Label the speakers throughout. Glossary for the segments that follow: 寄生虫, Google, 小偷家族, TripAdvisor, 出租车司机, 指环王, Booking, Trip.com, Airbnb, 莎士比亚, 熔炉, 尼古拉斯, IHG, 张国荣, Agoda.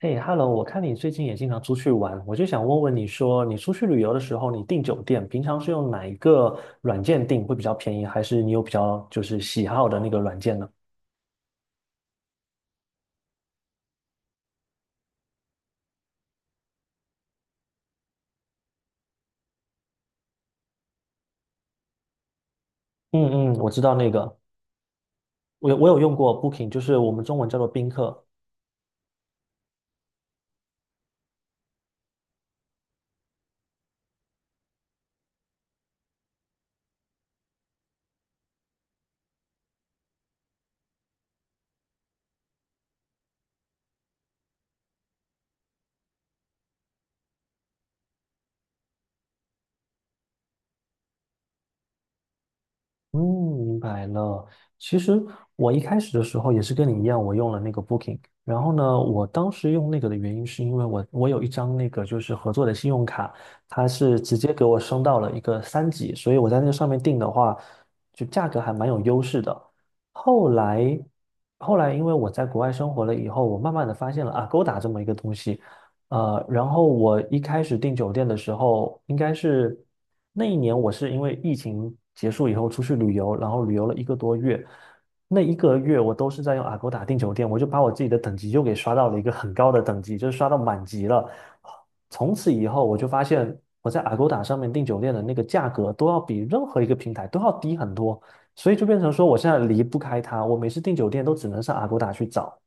Speaker 1: 嘿，Hello，我看你最近也经常出去玩，我就想问问你说，你出去旅游的时候，你订酒店，平常是用哪一个软件订会比较便宜，还是你有比较就是喜好的那个软件呢？嗯嗯，我知道那个，我有用过 Booking，就是我们中文叫做宾客，嗯，明白了。其实我一开始的时候也是跟你一样，我用了那个 Booking。然后呢，我当时用那个的原因是因为我有一张那个就是合作的信用卡，它是直接给我升到了一个三级，所以我在那个上面订的话，就价格还蛮有优势的。后来后来因为我在国外生活了以后，我慢慢的发现了 a 勾 o 这么一个东西，然后我一开始订酒店的时候应该是。那一年我是因为疫情结束以后出去旅游，然后旅游了一个多月，那一个月我都是在用 Agoda 订酒店，我就把我自己的等级又给刷到了一个很高的等级，就是刷到满级了。从此以后，我就发现我在 Agoda 上面订酒店的那个价格都要比任何一个平台都要低很多，所以就变成说我现在离不开它，我每次订酒店都只能上 Agoda 去找。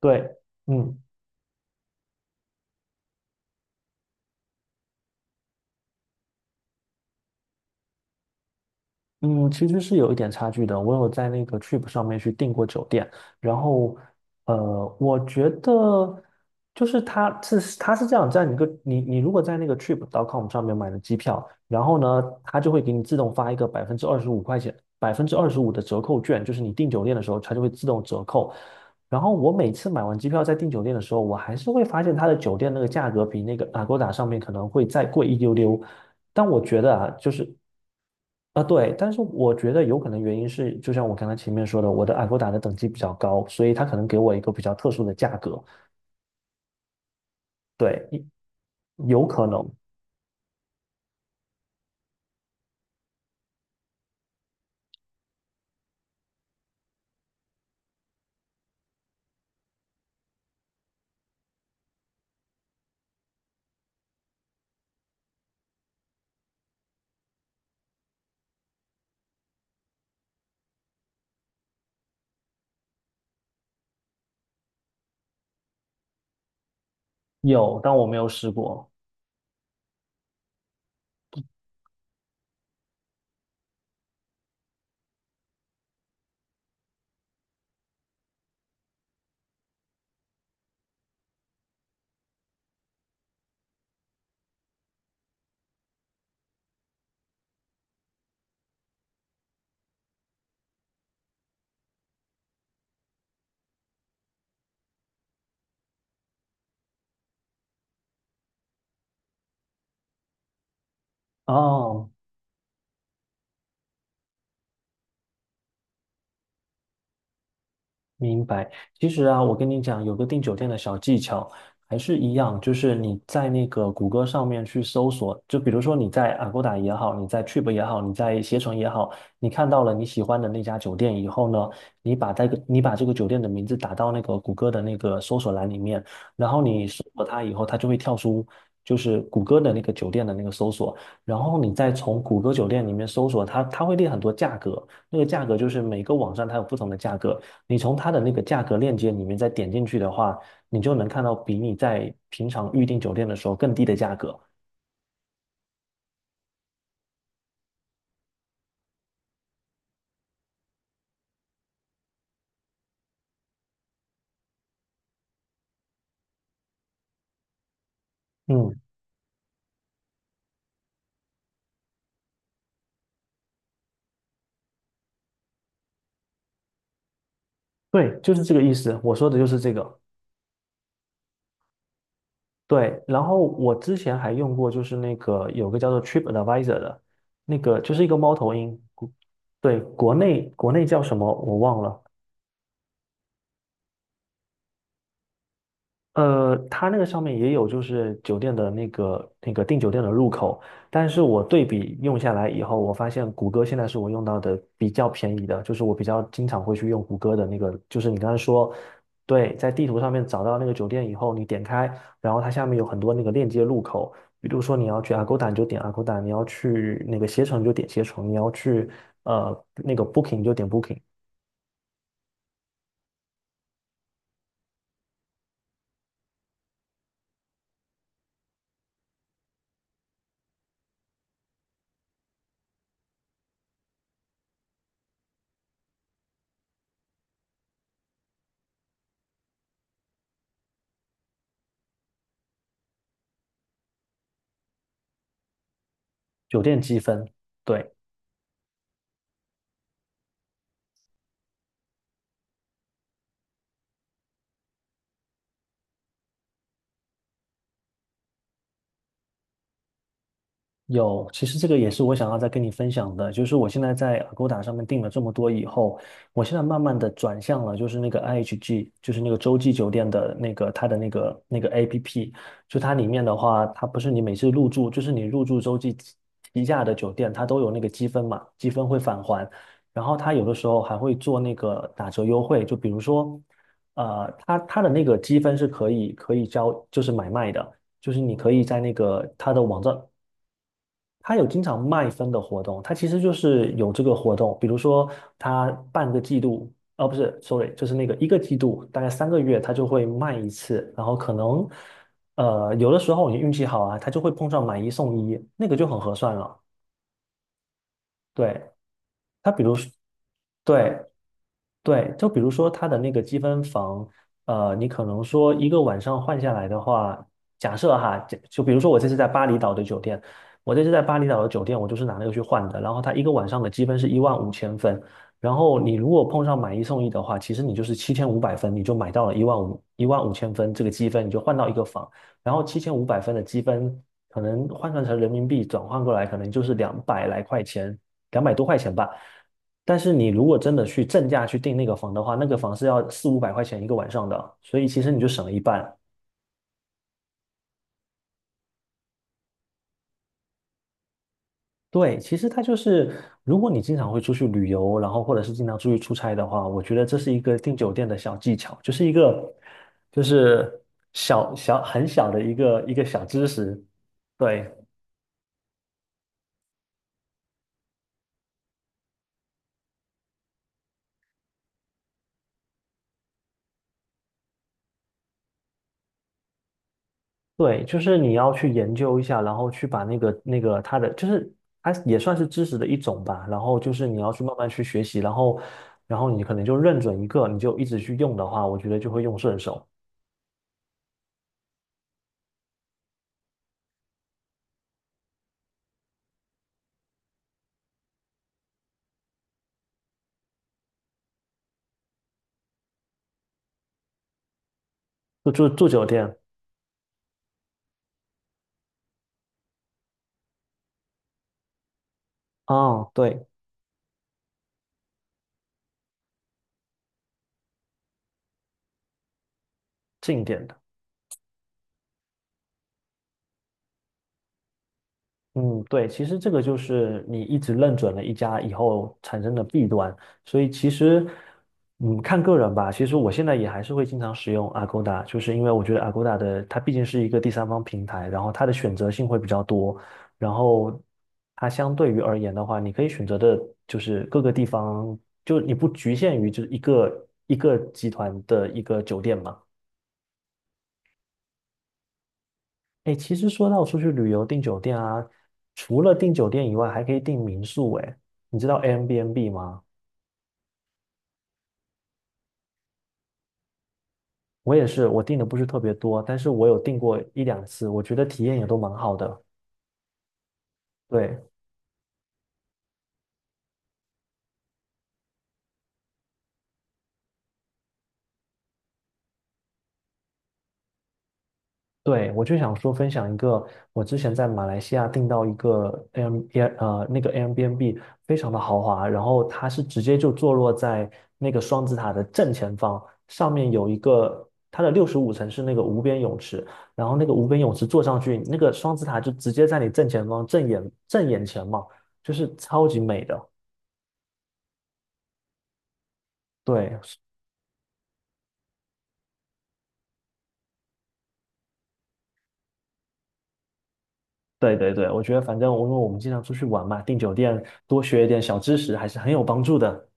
Speaker 1: 对，嗯。嗯，其实是有一点差距的。我有在那个 Trip 上面去订过酒店，然后，我觉得就是它是这样，在你个你你如果在那个 Trip.com 上面买的机票，然后呢，它就会给你自动发一个百分之二十五块钱、百分之二十五的折扣券，就是你订酒店的时候，它就会自动折扣。然后我每次买完机票再订酒店的时候，我还是会发现他的酒店那个价格比那个 a g o d 上面可能会再贵一丢丢。但我觉得啊，就是啊对，但是我觉得有可能原因是，就像我刚才前面说的，我的 a g o d 的等级比较高，所以他可能给我一个比较特殊的价格。对，有可能有，但我没有试过。哦，明白。其实啊，我跟你讲，有个订酒店的小技巧，还是一样，就是你在那个谷歌上面去搜索，就比如说你在 Agoda 也好，你在 Trip 也好，你在携程也好，你看到了你喜欢的那家酒店以后呢，你把这个酒店的名字打到那个谷歌的那个搜索栏里面，然后你搜索它以后，它就会跳出就是谷歌的那个酒店的那个搜索，然后你再从谷歌酒店里面搜索它，它会列很多价格，那个价格就是每个网站它有不同的价格。你从它的那个价格链接里面再点进去的话，你就能看到比你在平常预订酒店的时候更低的价格。嗯，对，就是这个意思。我说的就是这个。对，然后我之前还用过，就是那个有个叫做 TripAdvisor 的，那个就是一个猫头鹰，对，国内叫什么我忘了，它那个上面也有，就是酒店的那个那个订酒店的入口，但是我对比用下来以后，我发现谷歌现在是我用到的比较便宜的，就是我比较经常会去用谷歌的那个，就是你刚才说，对，在地图上面找到那个酒店以后，你点开，然后它下面有很多那个链接入口，比如说你要去 Agoda 你就点 Agoda，你要去那个携程你就点携程，你要去那个 Booking 你就点 Booking，酒店积分，对。有，其实这个也是我想要再跟你分享的，就是我现在在 a g o d 上面订了这么多以后，我现在慢慢的转向了，就是那个 IHG，就是那个洲际酒店的那个它的那个 APP，就它里面的话，它不是你每次入住，就是你入住洲际旗下的酒店，它都有那个积分嘛，积分会返还，然后它有的时候还会做那个打折优惠，就比如说，它的那个积分是可以交，就是买卖的。就是你可以在那个它的网站它有经常卖分的活动，它其实就是有这个活动，比如说它半个季度，哦不是，sorry，就是那个一个季度，大概3个月，它就会卖一次，然后可能有的时候你运气好啊，它就会碰上买一送一，那个就很合算了。对，它比如说对，对，就比如说它的那个积分房，你可能说一个晚上换下来的话，假设哈，就比如说我这次在巴厘岛的酒店，我就是拿那个去换的，然后它一个晚上的积分是一万五千分，然后你如果碰上买一送一的话，其实你就是七千五百分，你就买到了一万五千分这个积分，你就换到一个房，然后七千五百分的积分可能换算成人民币转换过来，可能就是200来块钱，200多块钱吧。但是你如果真的去正价去订那个房的话，那个房是要四五百块钱一个晚上的，所以其实你就省了一半。对，其实它就是，如果你经常会出去旅游，然后或者是经常出去出差的话，我觉得这是一个订酒店的小技巧，就是一个，就是小小很小的一个小知识。对，对，就是你要去研究一下，然后去把那个它的，就是它也算是知识的一种吧。然后就是你要去慢慢去学习，然后你可能就认准一个，你就一直去用的话，我觉得就会用顺手。就住住酒店，啊，对，近一点的。嗯，对，其实这个就是你一直认准了一家以后产生的弊端，所以其实，嗯，看个人吧。其实我现在也还是会经常使用 Agoda，就是因为我觉得 Agoda 的它毕竟是一个第三方平台，然后它的选择性会比较多，然后它相对于而言的话，你可以选择的就是各个地方，就你不局限于就是一个一个集团的一个酒店嘛。哎，其实说到出去旅游订酒店啊，除了订酒店以外，还可以订民宿。哎，你知道 Airbnb 吗？我也是，我订的不是特别多，但是我有订过一两次，我觉得体验也都蛮好的。对。对，我就想说分享一个，我之前在马来西亚订到一个 Air Air 呃那个 Airbnb 非常的豪华，然后它是直接就坐落在那个双子塔的正前方，上面有一个它的65层是那个无边泳池，然后那个无边泳池坐上去，那个双子塔就直接在你正前方正眼前嘛，就是超级美的。对，是对对对，我觉得反正我因为我们经常出去玩嘛，订酒店多学一点小知识还是很有帮助的。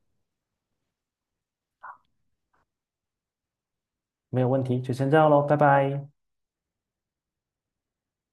Speaker 1: 没有问题，就先这样喽，拜拜。